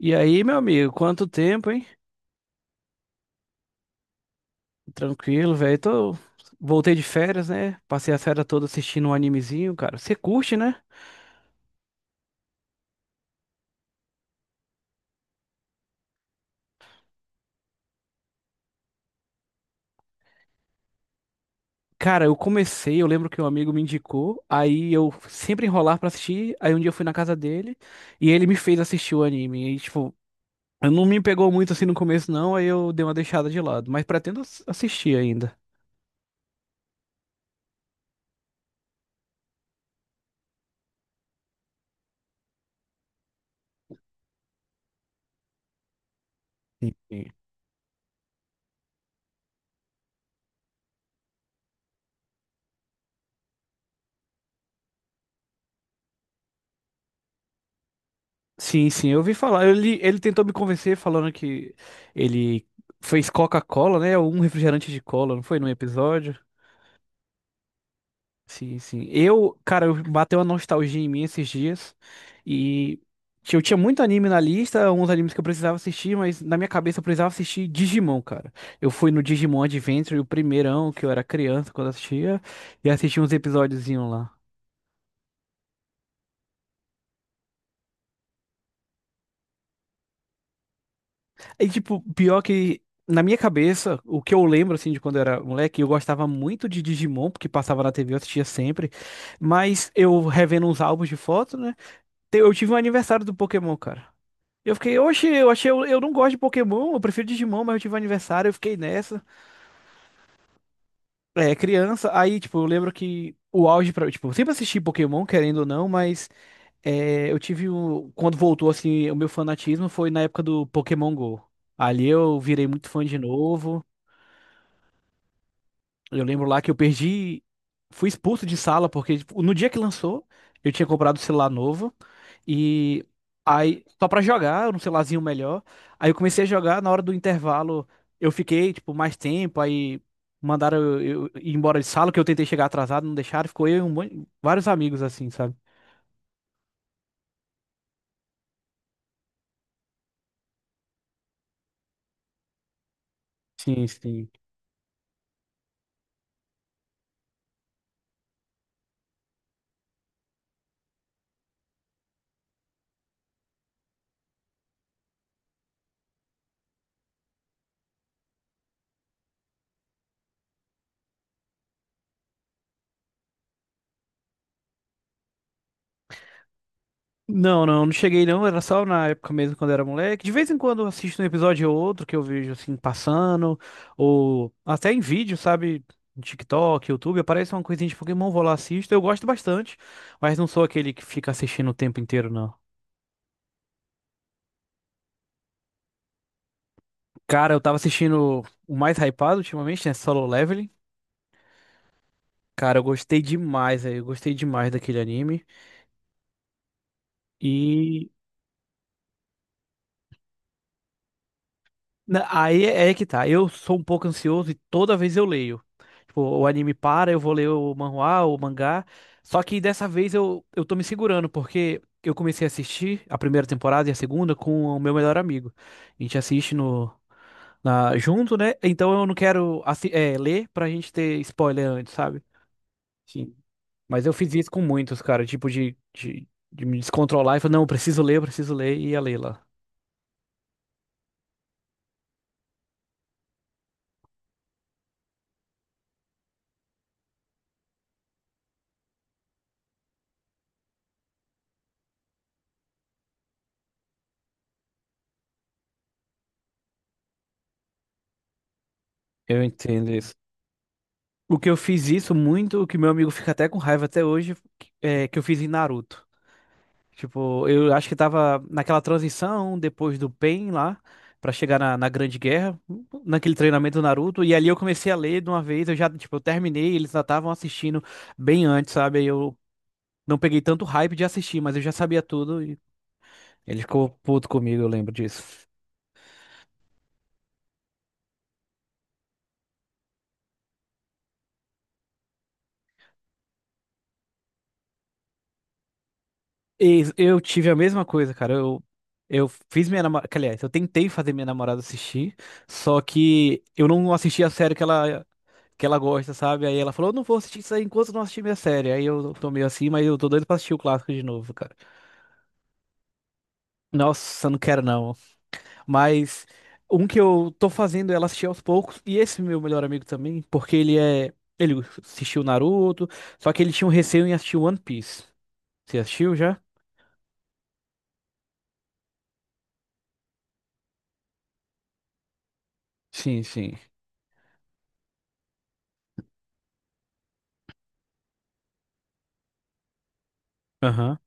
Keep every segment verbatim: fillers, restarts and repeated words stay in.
E aí, meu amigo, quanto tempo, hein? Tranquilo, velho. Tô... Voltei de férias, né? Passei a férias toda assistindo um animezinho, cara. Você curte, né? Cara, eu comecei, eu lembro que um amigo me indicou, aí eu sempre enrolar pra assistir, aí um dia eu fui na casa dele e ele me fez assistir o anime. E, tipo, não me pegou muito assim no começo, não, aí eu dei uma deixada de lado, mas pretendo ass- assistir ainda. Sim, sim, eu ouvi falar. Ele, ele tentou me convencer falando que ele fez Coca-Cola, né? Um refrigerante de cola, não foi num episódio? Sim, sim. Eu, cara, eu bateu uma nostalgia em mim esses dias e eu tinha muito anime na lista, uns animes que eu precisava assistir, mas na minha cabeça eu precisava assistir Digimon, cara. Eu fui no Digimon Adventure, o primeirão que eu era criança quando assistia, e assisti uns episódiozinhos lá. E, tipo, pior que na minha cabeça, o que eu lembro, assim, de quando eu era moleque, eu gostava muito de Digimon, porque passava na T V, eu assistia sempre. Mas eu revendo uns álbuns de foto, né? te- Eu tive um aniversário do Pokémon, cara. Eu fiquei, oxe, eu achei, eu, eu não gosto de Pokémon, eu prefiro Digimon, mas eu tive um aniversário, eu fiquei nessa. É, criança, aí, tipo, eu lembro que o auge pra, tipo, eu sempre assisti Pokémon, querendo ou não, mas é, eu tive um, quando voltou, assim, o meu fanatismo foi na época do Pokémon Go. Ali eu virei muito fã de novo. Eu lembro lá que eu perdi, fui expulso de sala porque tipo, no dia que lançou, eu tinha comprado o celular novo e aí só pra jogar, um celularzinho melhor. Aí eu comecei a jogar, na hora do intervalo, eu fiquei tipo mais tempo, aí mandaram eu, eu ir embora de sala que eu tentei chegar atrasado, não deixaram, ficou eu e um monte, vários amigos assim, sabe? Sim, sim. Não, não, não cheguei não, era só na época mesmo quando era moleque. De vez em quando eu assisto um episódio ou outro que eu vejo assim passando, ou até em vídeo, sabe? No TikTok, YouTube, aparece uma coisinha de Pokémon, vou lá assisto. Eu gosto bastante, mas não sou aquele que fica assistindo o tempo inteiro, não. Cara, eu tava assistindo o mais hypado ultimamente, né? Solo Leveling. Cara, eu gostei demais, aí, eu gostei demais daquele anime. e Na- Aí é é que tá. Eu sou um pouco ansioso e toda vez eu leio. Tipo, o anime para, eu vou ler o manhwa, o mangá. Só que dessa vez eu, eu tô me segurando, porque eu comecei a assistir a primeira temporada e a segunda com o meu melhor amigo. A gente assiste no, na, junto, né? Então eu não quero assi- é, ler pra gente ter spoiler antes, sabe? Sim. Mas eu fiz isso com muitos, cara. Tipo, de, de, de me descontrolar e falar, não, eu preciso ler, eu preciso ler, e ia ler lá. Eu entendo isso. O que eu fiz isso muito, o que meu amigo fica até com raiva até hoje, que- é que eu fiz em Naruto. Tipo, eu acho que tava naquela transição depois do Pain lá, pra chegar na, na Grande Guerra, naquele treinamento do Naruto, e ali eu comecei a ler de uma vez, eu já, tipo, eu terminei, eles já estavam assistindo bem antes, sabe? Aí eu não peguei tanto hype de assistir, mas eu já sabia tudo e ele ficou puto comigo, eu lembro disso. E Eu tive a mesma coisa, cara. Eu, eu fiz minha namorada. Aliás, eu tentei fazer minha namorada assistir, só que eu não assisti a série que ela, que ela gosta, sabe? Aí ela falou: Eu não vou assistir isso aí enquanto eu não assistir minha série. Aí eu tô meio assim, mas eu tô doido pra assistir o clássico de novo, cara. Nossa, não quero não. Mas um que eu tô fazendo é ela assistir aos poucos, e esse meu melhor amigo também, porque ele é. Ele assistiu Naruto, só que ele tinha um receio em assistir One Piece. Você assistiu já? Sim, sim. Aham.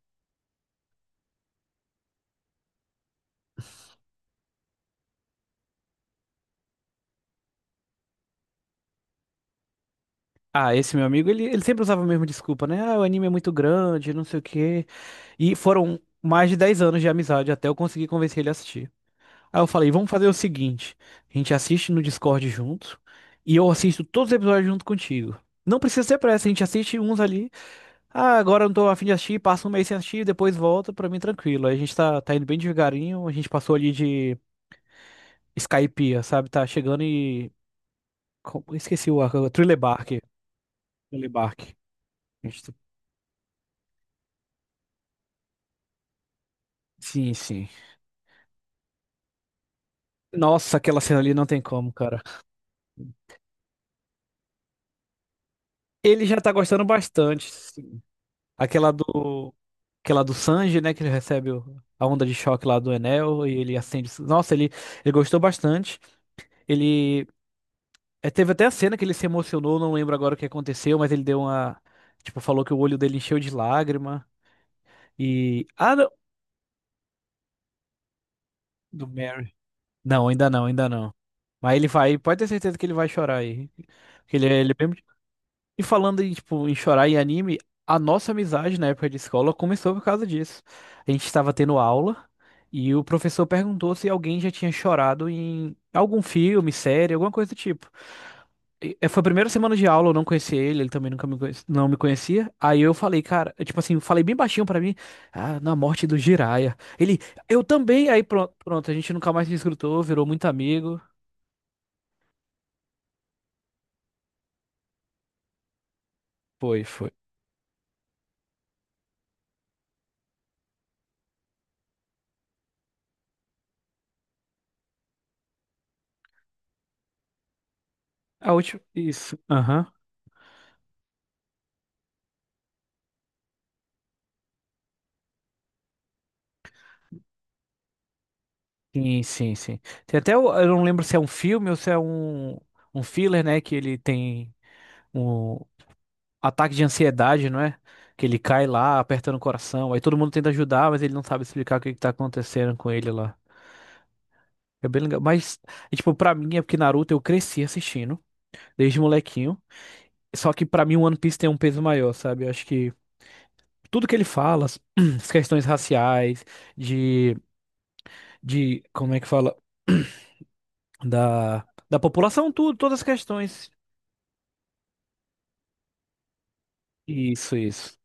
Ah, esse meu amigo, ele, ele sempre usava a mesma desculpa, né? Ah, o anime é muito grande, não sei o quê. E foram mais de dez anos de amizade até eu conseguir convencer ele a assistir. Aí eu falei, vamos fazer o seguinte: a gente assiste no Discord junto e eu assisto todos os episódios junto contigo. Não precisa ter pressa, a gente assiste uns ali. Ah, agora eu não tô afim de assistir, passa um mês sem assistir, depois volta, pra mim tranquilo. Aí a gente tá, tá indo bem devagarinho, a gente passou ali de Skypiea, sabe? Tá chegando e. co- Esqueci o arco, Thriller Bark. Thriller Bark. A gente tá... Sim, sim. Nossa, aquela cena ali não tem como, cara. Ele já tá gostando bastante. Sim. Aquela do. Aquela do Sanji, né? Que ele recebe o- a onda de choque lá do Enel e ele acende. Nossa, ele, ele gostou bastante. Ele. É, teve até a cena que ele se emocionou, não lembro agora o que aconteceu, mas ele deu uma. Tipo, falou que o olho dele encheu de lágrima. E. Ah, não. Do Mary. Não, ainda não, ainda não. Mas ele vai, pode ter certeza que ele vai chorar aí. Porque ele, é- ele é bem. E falando em, tipo, em chorar em anime, a nossa amizade na época de escola começou por causa disso. A gente estava tendo aula e o professor perguntou se alguém já tinha chorado em algum filme, série, alguma coisa do tipo. E- eh, foi a primeira semana de aula, eu não conhecia ele, ele também nunca me conhece- não me conhecia. Aí eu falei, cara, eu, tipo assim, falei bem baixinho pra mim, ah, na morte do Jiraiya. Ele, eu também. Aí pronto, pronto, a gente nunca mais se escrutou, virou muito amigo. Foi, foi. A última, isso. Aham. Sim, sim, sim. Tem até, o- eu não lembro se é um filme ou se é um, um filler, né? Que ele tem um ataque de ansiedade, não é? Que ele cai lá, apertando o coração. Aí todo mundo tenta ajudar, mas ele não sabe explicar o que que tá acontecendo com ele lá. É bem legal. Mas, é, tipo, pra mim é porque Naruto eu cresci assistindo, desde molequinho. Só que pra mim o One Piece tem um peso maior, sabe? Eu acho que tudo que ele fala, as as questões raciais, de, de, como é que fala? da, da população, tudo, todas as questões Isso, isso.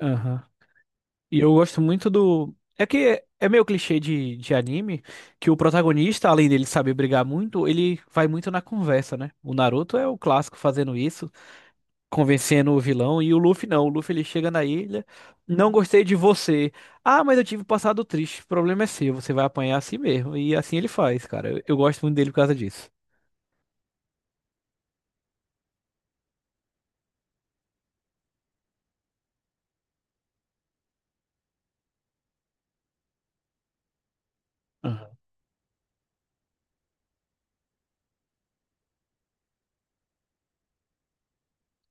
Aham. E eu gosto muito do. É que é é meio clichê de, de anime que o protagonista, além dele saber brigar muito, ele vai muito na conversa, né? O Naruto é o clássico fazendo isso, convencendo o vilão, e o Luffy não. O Luffy ele chega na ilha, não gostei de você. Ah, mas eu tive um passado triste. O problema é seu, você vai apanhar assim mesmo. E assim ele faz, cara. Eu, eu gosto muito dele por causa disso.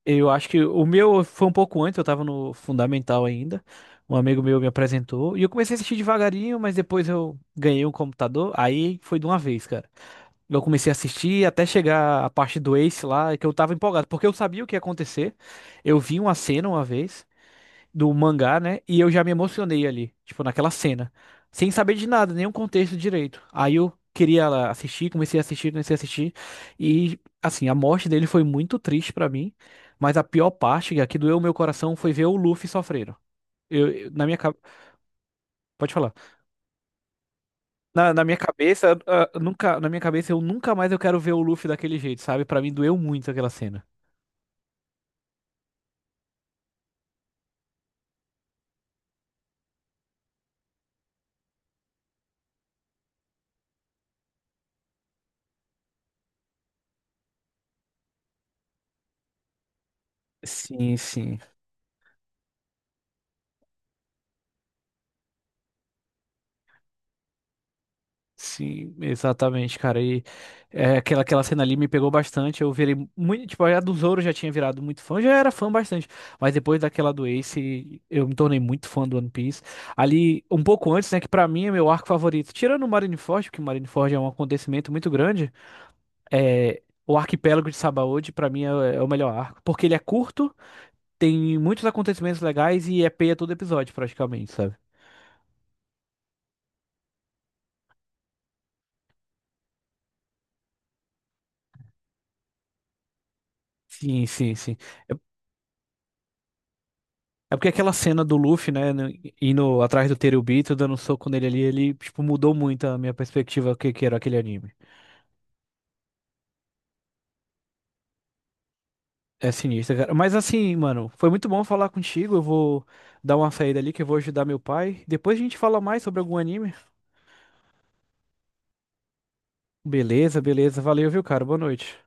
Eu acho que o meu foi um pouco antes, eu tava no fundamental ainda. Um amigo meu me apresentou e eu comecei a assistir devagarinho, mas depois eu ganhei um computador, aí foi de uma vez, cara. Eu comecei a assistir até chegar a parte do Ace lá, que eu tava empolgado, porque eu sabia o que ia acontecer. Eu vi uma cena uma vez do mangá, né? E eu já me emocionei ali, tipo, naquela cena, sem saber de nada, nenhum contexto direito. Aí eu queria lá, assistir, comecei a assistir, comecei a assistir, e assim, a morte dele foi muito triste pra mim, mas a pior parte, a que doeu o meu coração, foi ver o Luffy sofrendo. Eu, eu- na minha cabeça, pode falar. Na, na minha cabeça, ah, nunca, na minha cabeça, eu nunca mais eu quero ver o Luffy daquele jeito, sabe? Pra mim doeu muito aquela cena. Sim, sim. Sim, exatamente, cara. E é, aquela, aquela cena ali me pegou bastante. Eu virei muito. Tipo, a do Zoro eu já tinha virado muito fã, já era fã bastante. Mas depois daquela do Ace, eu me tornei muito fã do One Piece. Ali, um pouco antes, né? Que pra mim é meu arco favorito. Tirando o Marineford, porque o Marineford é um acontecimento muito grande. É, o Arquipélago de Sabaody, pra mim, é, é o melhor arco. Porque ele é curto, tem muitos acontecimentos legais e é peia todo episódio, praticamente, sabe? Sim, sim, sim. É porque aquela cena do Luffy, né, no- indo atrás do Terubito, dando um soco nele ali, ele, tipo, mudou muito a minha perspectiva do que que era aquele anime. É sinistro, cara. Mas assim, mano, foi muito bom falar contigo. Eu vou dar uma saída ali que eu vou ajudar meu pai. Depois a gente fala mais sobre algum anime. Beleza, beleza. Valeu, viu, cara? Boa noite.